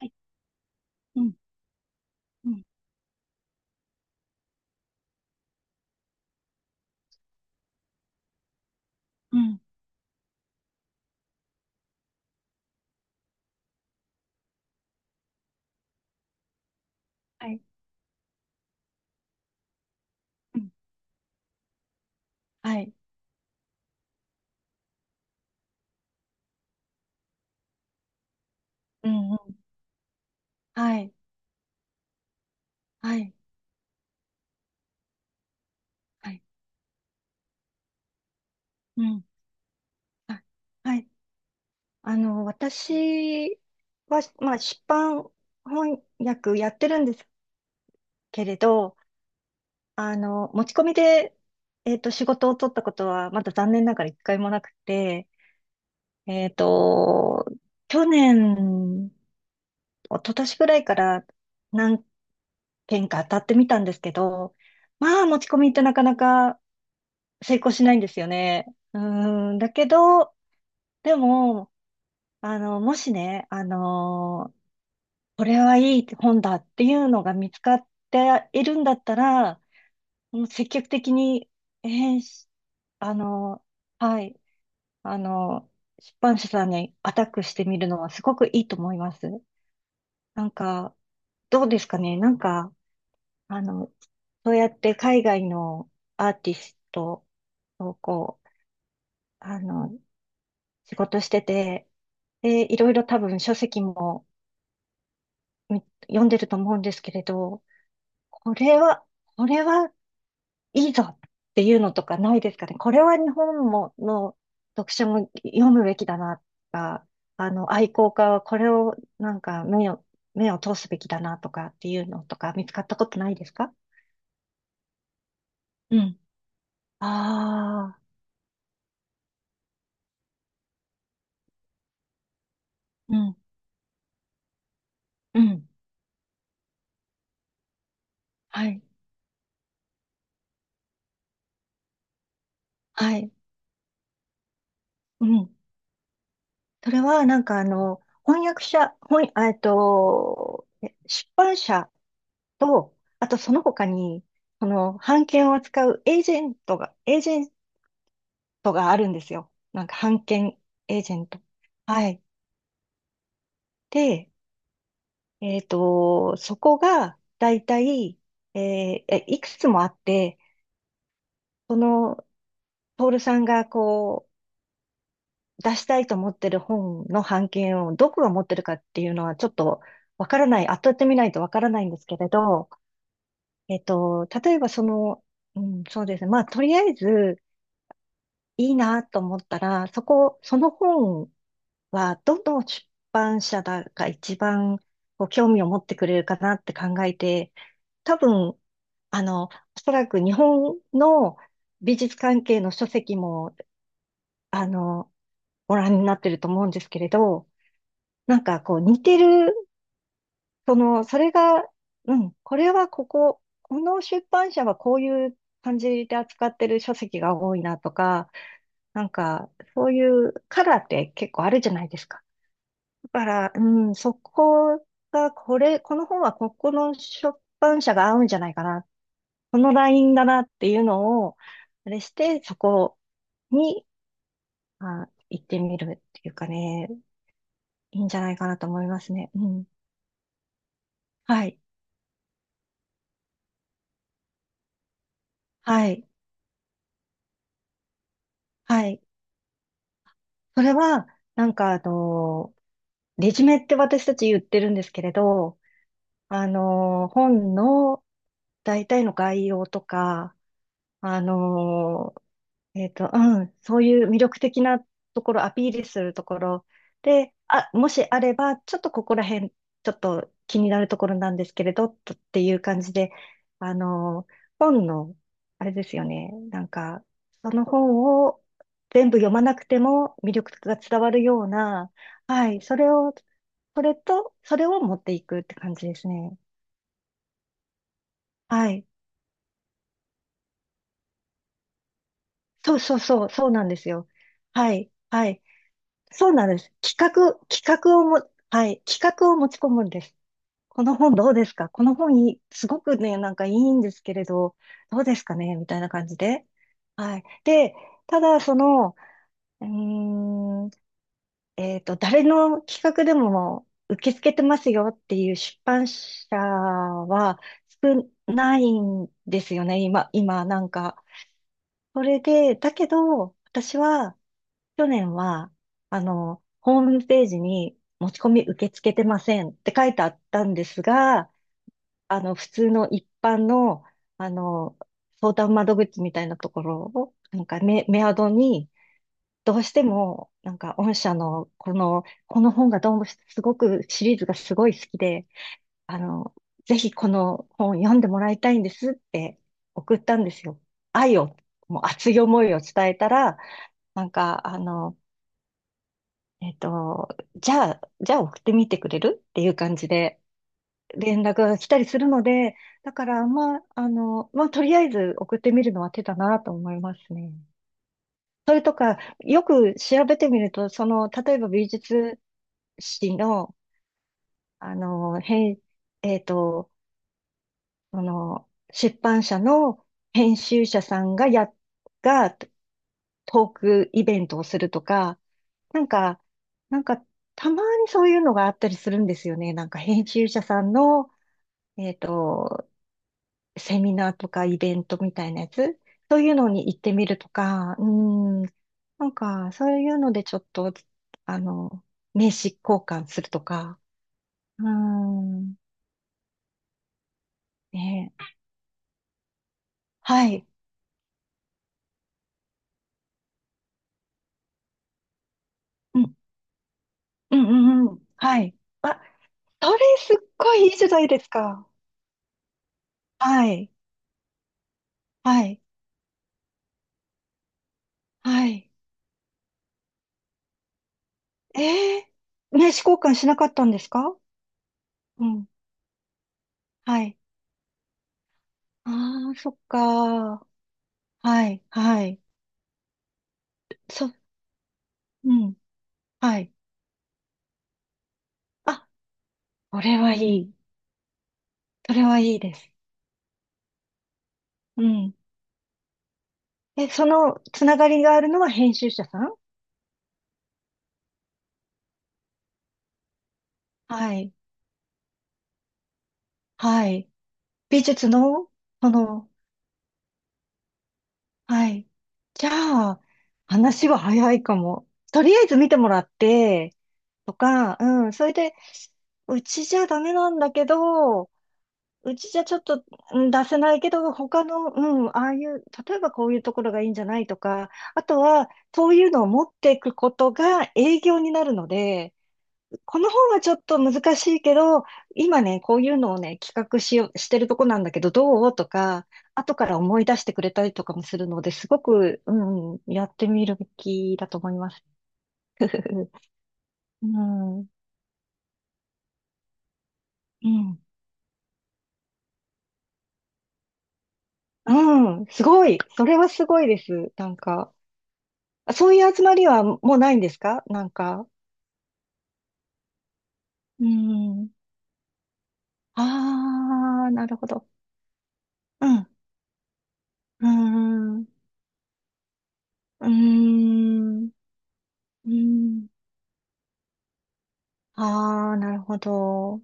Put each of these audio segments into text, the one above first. はい。うん、うん、うん。はい。うん、はい。うん、うん。はい。はい。はい。うん。あ、はい。私は、まあ、出版翻訳やってるんですけれど、持ち込みで、仕事を取ったことは、まだ残念ながら1回もなくて、えっと、去年、一昨年ぐらいから何件か当たってみたんですけど、まあ、持ち込みってなかなか成功しないんですよね。うーん、だけど、でも、もしね、これはいい本だっていうのが見つかっているんだったら、もう積極的に、編集あのーはい、あの出版社さんにアタックしてみるのはすごくいいと思います。なんか、どうですかね、なんか、あの、そうやって海外のアーティストをこう、あの、仕事してて、で、いろいろ多分書籍もみ読んでると思うんですけれど、これは、これはいいぞっていうのとかないですかね。これは日本もの読書も読むべきだなとか、愛好家はこれをなんか目を通すべきだなとかっていうのとか見つかったことないですか？うん、ああ、うん、うん。はい。はい。うん。それは、なんか、翻訳者、翻、あえっと、え出版社と、あとその他に、その、版権を扱うエージェントがあるんですよ。なんか、版権エージェント。はい。で、そこが、だいたい、えーえいくつもあって、その、トールさんが、こう、出したいと思ってる本の版権をどこが持ってるかっていうのは、ちょっと、わからない、当たってみないとわからないんですけれど、例えばその、うん、そうですね。まあ、とりあえずいいなと思ったら、その本はどの出版社だが一番こう興味を持ってくれるかなって考えて、多分、おそらく日本の美術関係の書籍も、あの、ご覧になってると思うんですけれど、なんかこう似てるその、それが、うん、これはこの出版社はこういう感じで扱ってる書籍が多いなとか、なんか、そういうカラーって結構あるじゃないですか。だから、うん、そこが、この本はここの出版社が合うんじゃないかな。このラインだなっていうのを、あれして、そこに、あ、行ってみるっていうかね、いいんじゃないかなと思いますね。うん。はい。はい。はい。それは、なんか、レジュメって私たち言ってるんですけれど、本の大体の概要とか、あの、うん、そういう魅力的なところ、アピールするところで、あ、もしあれば、ちょっとここら辺、ちょっと気になるところなんですけれど、とっていう感じで、あの、本の、あれですよね、なんか、その本を全部読まなくても魅力が伝わるような、はい、それを持っていくって感じですね。はい。そうそうそう、そうなんですよ。はい、はい。そうなんです。企画、企画をも、はい、企画を持ち込むんです。この本どうですか、この本いい、すごくね、なんかいいんですけれど、どうですかねみたいな感じで。はい。で、ただ、その、うーん、誰の企画でも受け付けてますよっていう出版社は少ないんですよね、今、なんか。それで、だけど、私は、去年は、ホームページに持ち込み受け付けてませんって書いてあったんですが、普通の一般の、あの、相談窓口みたいなところを、なんかメアドに、どうしても、なんか、御社の、この本がどうもすごく、シリーズがすごい好きで、あの、ぜひこの本読んでもらいたいんですって送ったんですよ。愛を、もう熱い思いを伝えたら、なんか、えっと、じゃあ送ってみてくれるっていう感じで連絡が来たりするので、だから、まあ、まあ、とりあえず送ってみるのは手だなと思いますね。それとか、よく調べてみると、その、例えば美術誌の、あの、編、えっと、その、出版社の編集者さんがトークイベントをするとか、なんか、なんか、たまにそういうのがあったりするんですよね。なんか編集者さんの、えっと、セミナーとかイベントみたいなやつ、そういうのに行ってみるとか、うん、なんか、そういうのでちょっと、あの、名刺交換するとか、うん、ね、はい、うん、うん、うん、うん、はい。あ、それすっごいいいじゃないですか。はい、はい、はい。ええ、名刺交換しなかったんですか？うん。はい。ああ、そっか。はい、はい。そ、うん、はい。あ、これはいい。それはいいです。うん。え、そのつながりがあるのは編集者さん？はい、はい。美術の、その、はい。じゃあ、話は早いかも。とりあえず見てもらって、とか、うん、それで、うちじゃダメなんだけど、うちじゃちょっと、うん、出せないけど、他の、うん、ああいう、例えばこういうところがいいんじゃないとか、あとは、そういうのを持っていくことが営業になるので、この本はちょっと難しいけど、今ね、こういうのをね、企画しよう、してるとこなんだけど、どうとか、後から思い出してくれたりとかもするので、すごく、うん、やってみるべきだと思います。うん、うん、うん、すごい。それはすごいです。なんか。あ、そういう集まりはもうないんですか、なんか？うん。ああ、なるほど。うん。うーん。うーん。うーん。ああ、なるほど。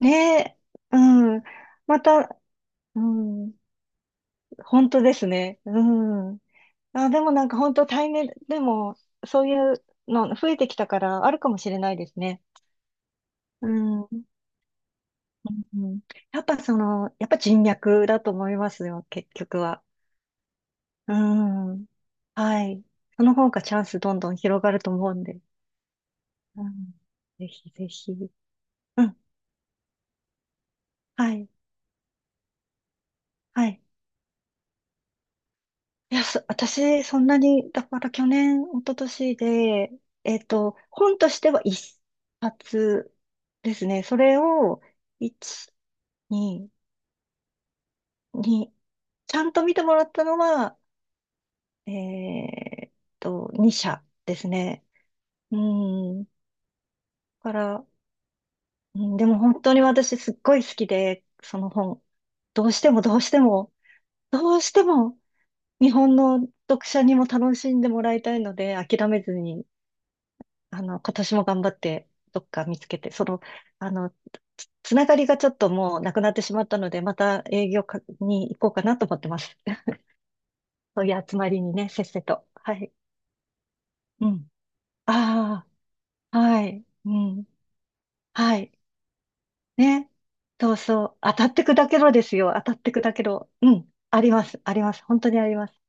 ねえ。うん。また、うん。本当ですね。うん。あ、でもなんか本当対面、でも、そういうの増えてきたからあるかもしれないですね。うん。うん。やっぱ人脈だと思いますよ、結局は。うん。はい。その方がチャンスどんどん広がると思うんで。うん。ぜひぜひ。うん。はい。はい。いや、私、そんなに、だから去年、一昨年で、本としては1冊ですね。それを、一、二、二、ちゃんと見てもらったのは、えっ2社ですね。うん。だから、うん、でも本当に私すっごい好きで、その本。どうしてもどうしても、どうしても日本の読者にも楽しんでもらいたいので、諦めずに、今年も頑張ってどっか見つけて、その、あの、つながりがちょっともうなくなってしまったので、また営業かに行こうかなと思ってます。そういう集まりにね、せっせと。はい。うん。ああ、はい。うん。はい。ね。そうそう。当たって砕けろですよ。当たって砕けろ。うん。あります。あります。本当にあります。